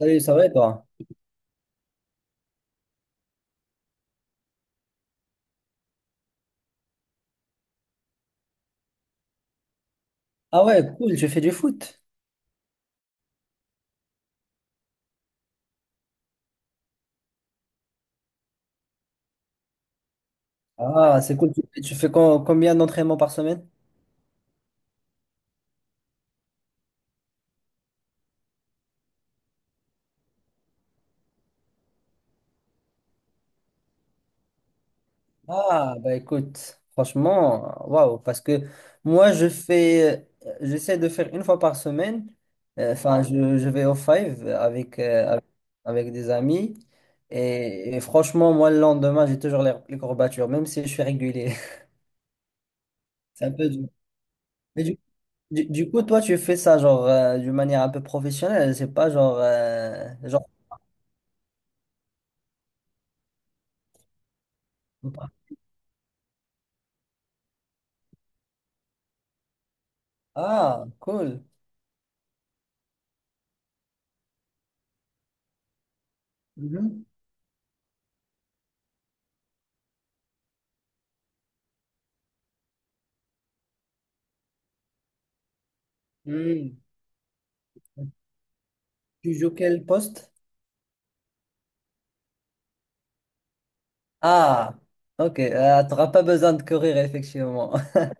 Salut, ça va et toi? Ah ouais, cool, tu fais du foot. Ah, c'est cool. Tu fais combien d'entraînements par semaine? Ah, bah écoute, franchement, waouh, parce que moi, je fais, j'essaie de faire une fois par semaine. Enfin, je vais au five avec des amis. Et franchement, moi, le lendemain, j'ai toujours les courbatures, même si je suis régulier. C'est un peu dur. Mais du, du coup, toi, tu fais ça, genre, d'une manière un peu professionnelle. C'est pas genre, genre. Ah, cool. Mhm. Hmm. Tu joues quel poste? Ah, ok. T'auras pas besoin de courir, effectivement.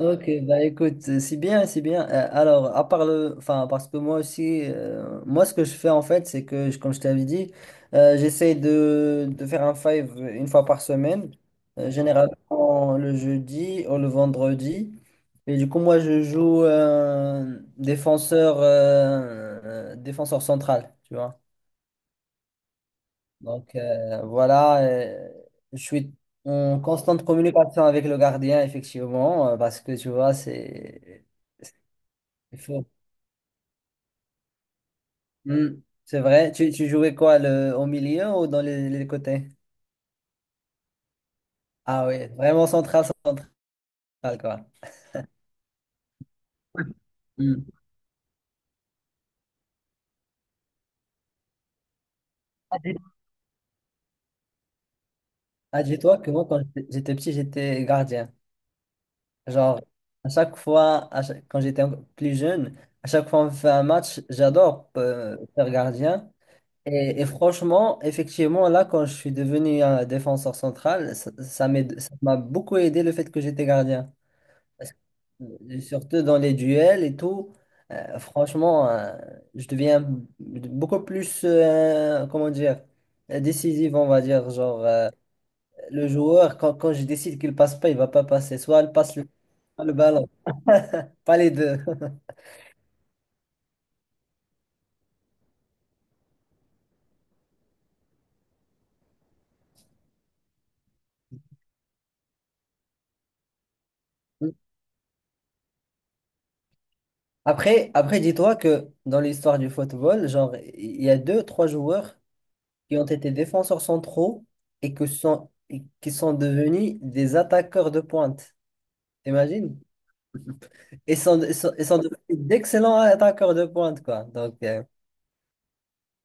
Ok, bah écoute, c'est bien, c'est bien. Alors, à part le, enfin, parce que moi aussi, moi ce que je fais en fait, c'est que, comme je t'avais dit, j'essaie de faire un five une fois par semaine, généralement le jeudi ou le vendredi. Et du coup, moi, je joue défenseur, défenseur central, tu vois. Donc voilà, je suis en constante communication avec le gardien, effectivement, parce que tu vois, il faut- Hmm, c'est vrai. Tu jouais quoi, le, au milieu ou dans les côtés? Ah oui, vraiment central, central, quoi. Hmm. Ah, dis- ah, dis-toi que moi, quand j'étais petit, j'étais gardien. Genre, à chaque fois, à chaque- quand plus jeune, à chaque fois on fait un match, j'adore faire gardien. Et franchement, effectivement, là, quand je suis devenu un défenseur central, ça m'a beaucoup aidé le fait que j'étais gardien. Parce que, surtout dans les duels et tout, franchement, je deviens beaucoup plus, comment dire, décisif, on va dire. Genre, le joueur, quand je décide qu'il passe pas, il va pas passer. Soit il passe le, soit le ballon, pas les deux. Après, après, dis-toi que dans l'histoire du football, genre, il y a deux, trois joueurs qui ont été défenseurs centraux et qui sont devenus des attaqueurs de pointe. T'imagines? Ils sont devenus d'excellents attaqueurs de pointe, quoi. Donc,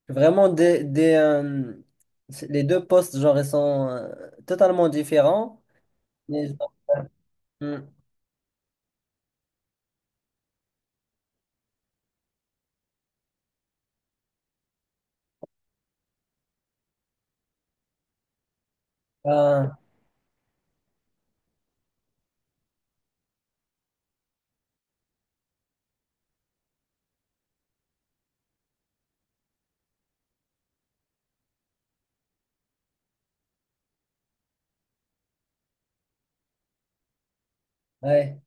vraiment, les deux postes, genre, ils sont totalement différents. Mais genre, hmm, ah, ouais,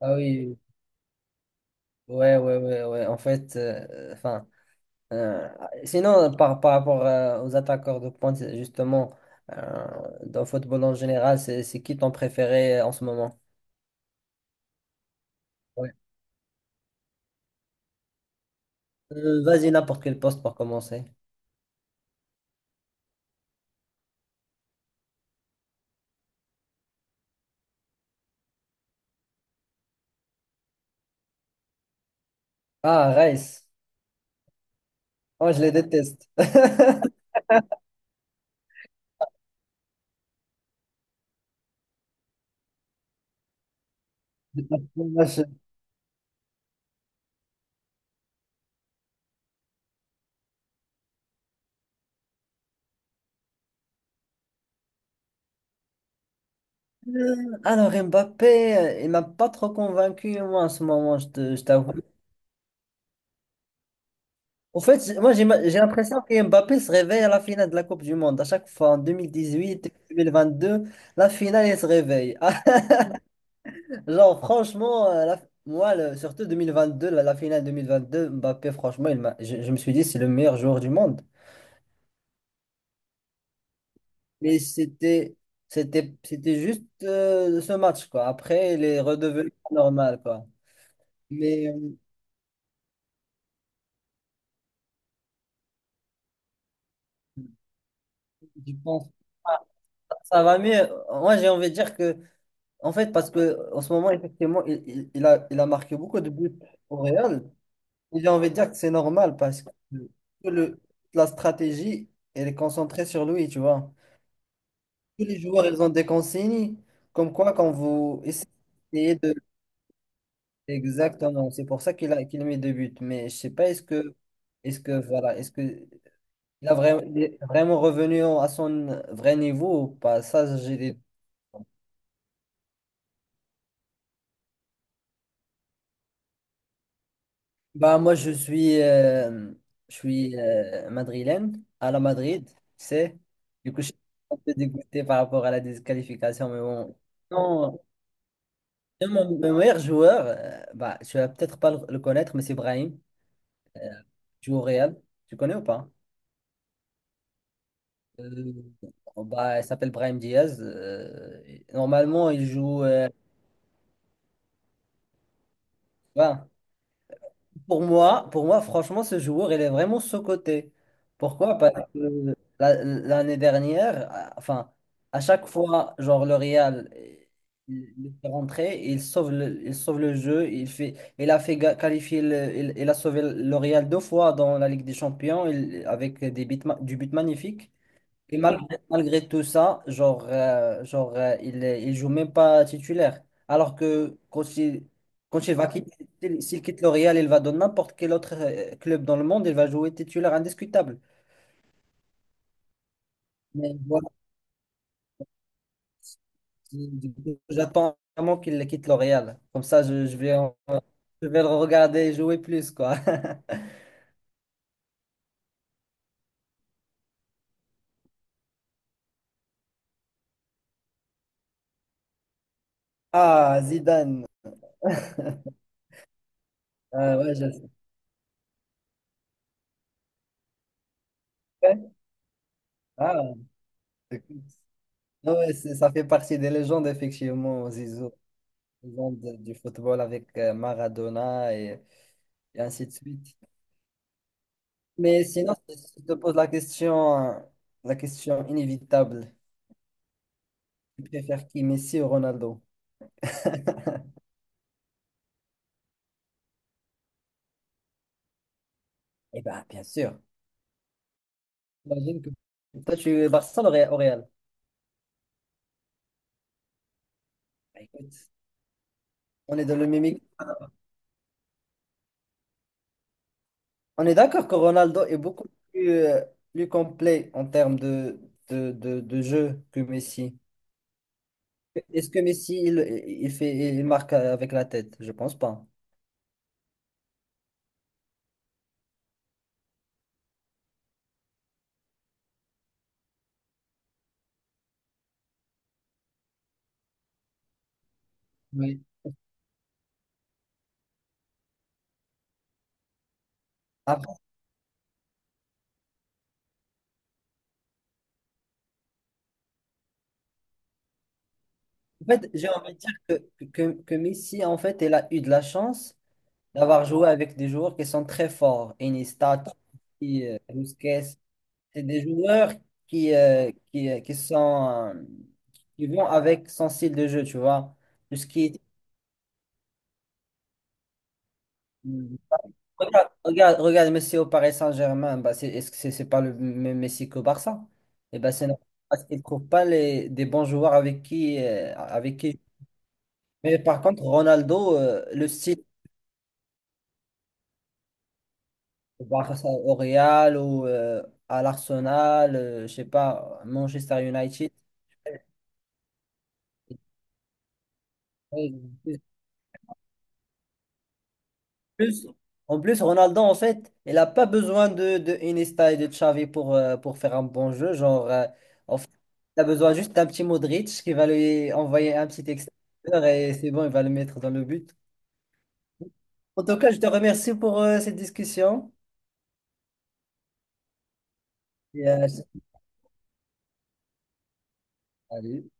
ah oui, oui. Ouais, ouais, ouais, ouais. En fait, enfin. Euh, Sinon, par rapport aux attaqueurs de pointe, justement, euh, dans le football en général, c'est qui ton préféré en ce moment? Ouais. Vas-y, n'importe quel poste pour commencer. Ah, Rice. Oh, je les déteste. Dommage. Euh, Alors, Mbappé, il m'a pas trop convaincu, moi, en ce moment, je t'avoue. En fait, moi, j'ai l'impression que Mbappé se réveille à la finale de la Coupe du Monde. À chaque fois, en 2018, 2022, la finale, il se réveille. Genre, franchement, moi, surtout 2022, la finale 2022, Mbappé, franchement, je me suis dit, c'est le meilleur joueur du monde. Mais c'était, c'était juste ce match, quoi. Après, il est redevenu normal, quoi. Mais je pense que ça va mieux. Moi, j'ai envie de dire que, en fait, parce que en ce moment, effectivement, il a marqué beaucoup de buts au Real. Et j'ai envie de dire que c'est normal parce que le, la stratégie, elle est concentrée sur lui, tu vois. Tous les joueurs, ils ont des consignes, comme quoi quand vous essayez de… Exactement, c'est pour ça qu'il a mis deux buts. Mais je sais pas, est-ce que il est vraiment revenu à son vrai niveau ou pas? Ça, j'ai des… Bah, moi, je suis madrilène, à la Madrid, tu sais. Du coup, je suis un peu dégoûté par rapport à la disqualification, mais bon. Non, et mon meilleur joueur, bah, tu vas peut-être pas le connaître, mais c'est Brahim. Euh, joue au Real. Tu connais ou pas? Euh, oh, bah, il s'appelle Brahim Diaz. Euh, et normalement, il joue. Euh, voilà. Pour moi, franchement, ce joueur, il est vraiment sous-coté. Pourquoi? Parce que l'année dernière, enfin, à chaque fois, genre le Real, il est rentré, il sauve le jeu, il a fait ga- qualifier, il a sauvé le Real deux fois dans la Ligue des Champions, avec des buts, du but magnifique. Et malgré, malgré tout ça, il joue même pas titulaire. Alors que quand il va quitter, s'il quitte le Real, il va dans n'importe quel autre club dans le monde, il va jouer titulaire indiscutable. Mais voilà, du coup, j'attends vraiment qu'il quitte le Real. Comme ça, je vais le regarder jouer plus, quoi. Ah, Zidane. Ah, ouais, je sais. Ah, écoute. Ah ouais, ça fait partie des légendes, effectivement, Zizou. Exemple, du football avec Maradona et ainsi de suite. Mais sinon, si je te pose la question, inévitable, tu préfères qui, Messi ou Ronaldo? Eh bien, bien sûr. J'imagine que toi, tu es Barça au Real. Bah, écoute, on est dans le même équipe. On est d'accord que Ronaldo est beaucoup plus, plus complet en termes de jeu que Messi. Est-ce que Messi, il fait, il marque avec la tête? Je pense pas. Oui. En fait, j'ai envie de dire que, que Messi, en fait, elle a eu de la chance d'avoir joué avec des joueurs qui sont très forts. Iniesta, Busquets, c'est des joueurs qui sont, qui vont avec son style de jeu, tu vois. Tout ce qui est… regarde Messi au Paris Saint-Germain, bah c'est, est-ce que c'est pas le même Messi qu'au Barça? Et ben c'est normal, parce qu'il ne trouve pas des bons joueurs avec qui. Mais par contre, Ronaldo, le style bah, face au Real ou à l'Arsenal, je sais pas, Manchester United. Ouais, plus- En plus, Ronaldo, en fait, il n'a pas besoin de Iniesta et de Xavi pour faire un bon jeu. Genre, en fait, il a besoin juste d'un petit Modric qui va lui envoyer un petit extérieur et c'est bon, il va le mettre dans le but. En tout cas, je te remercie pour cette discussion. Et, salut.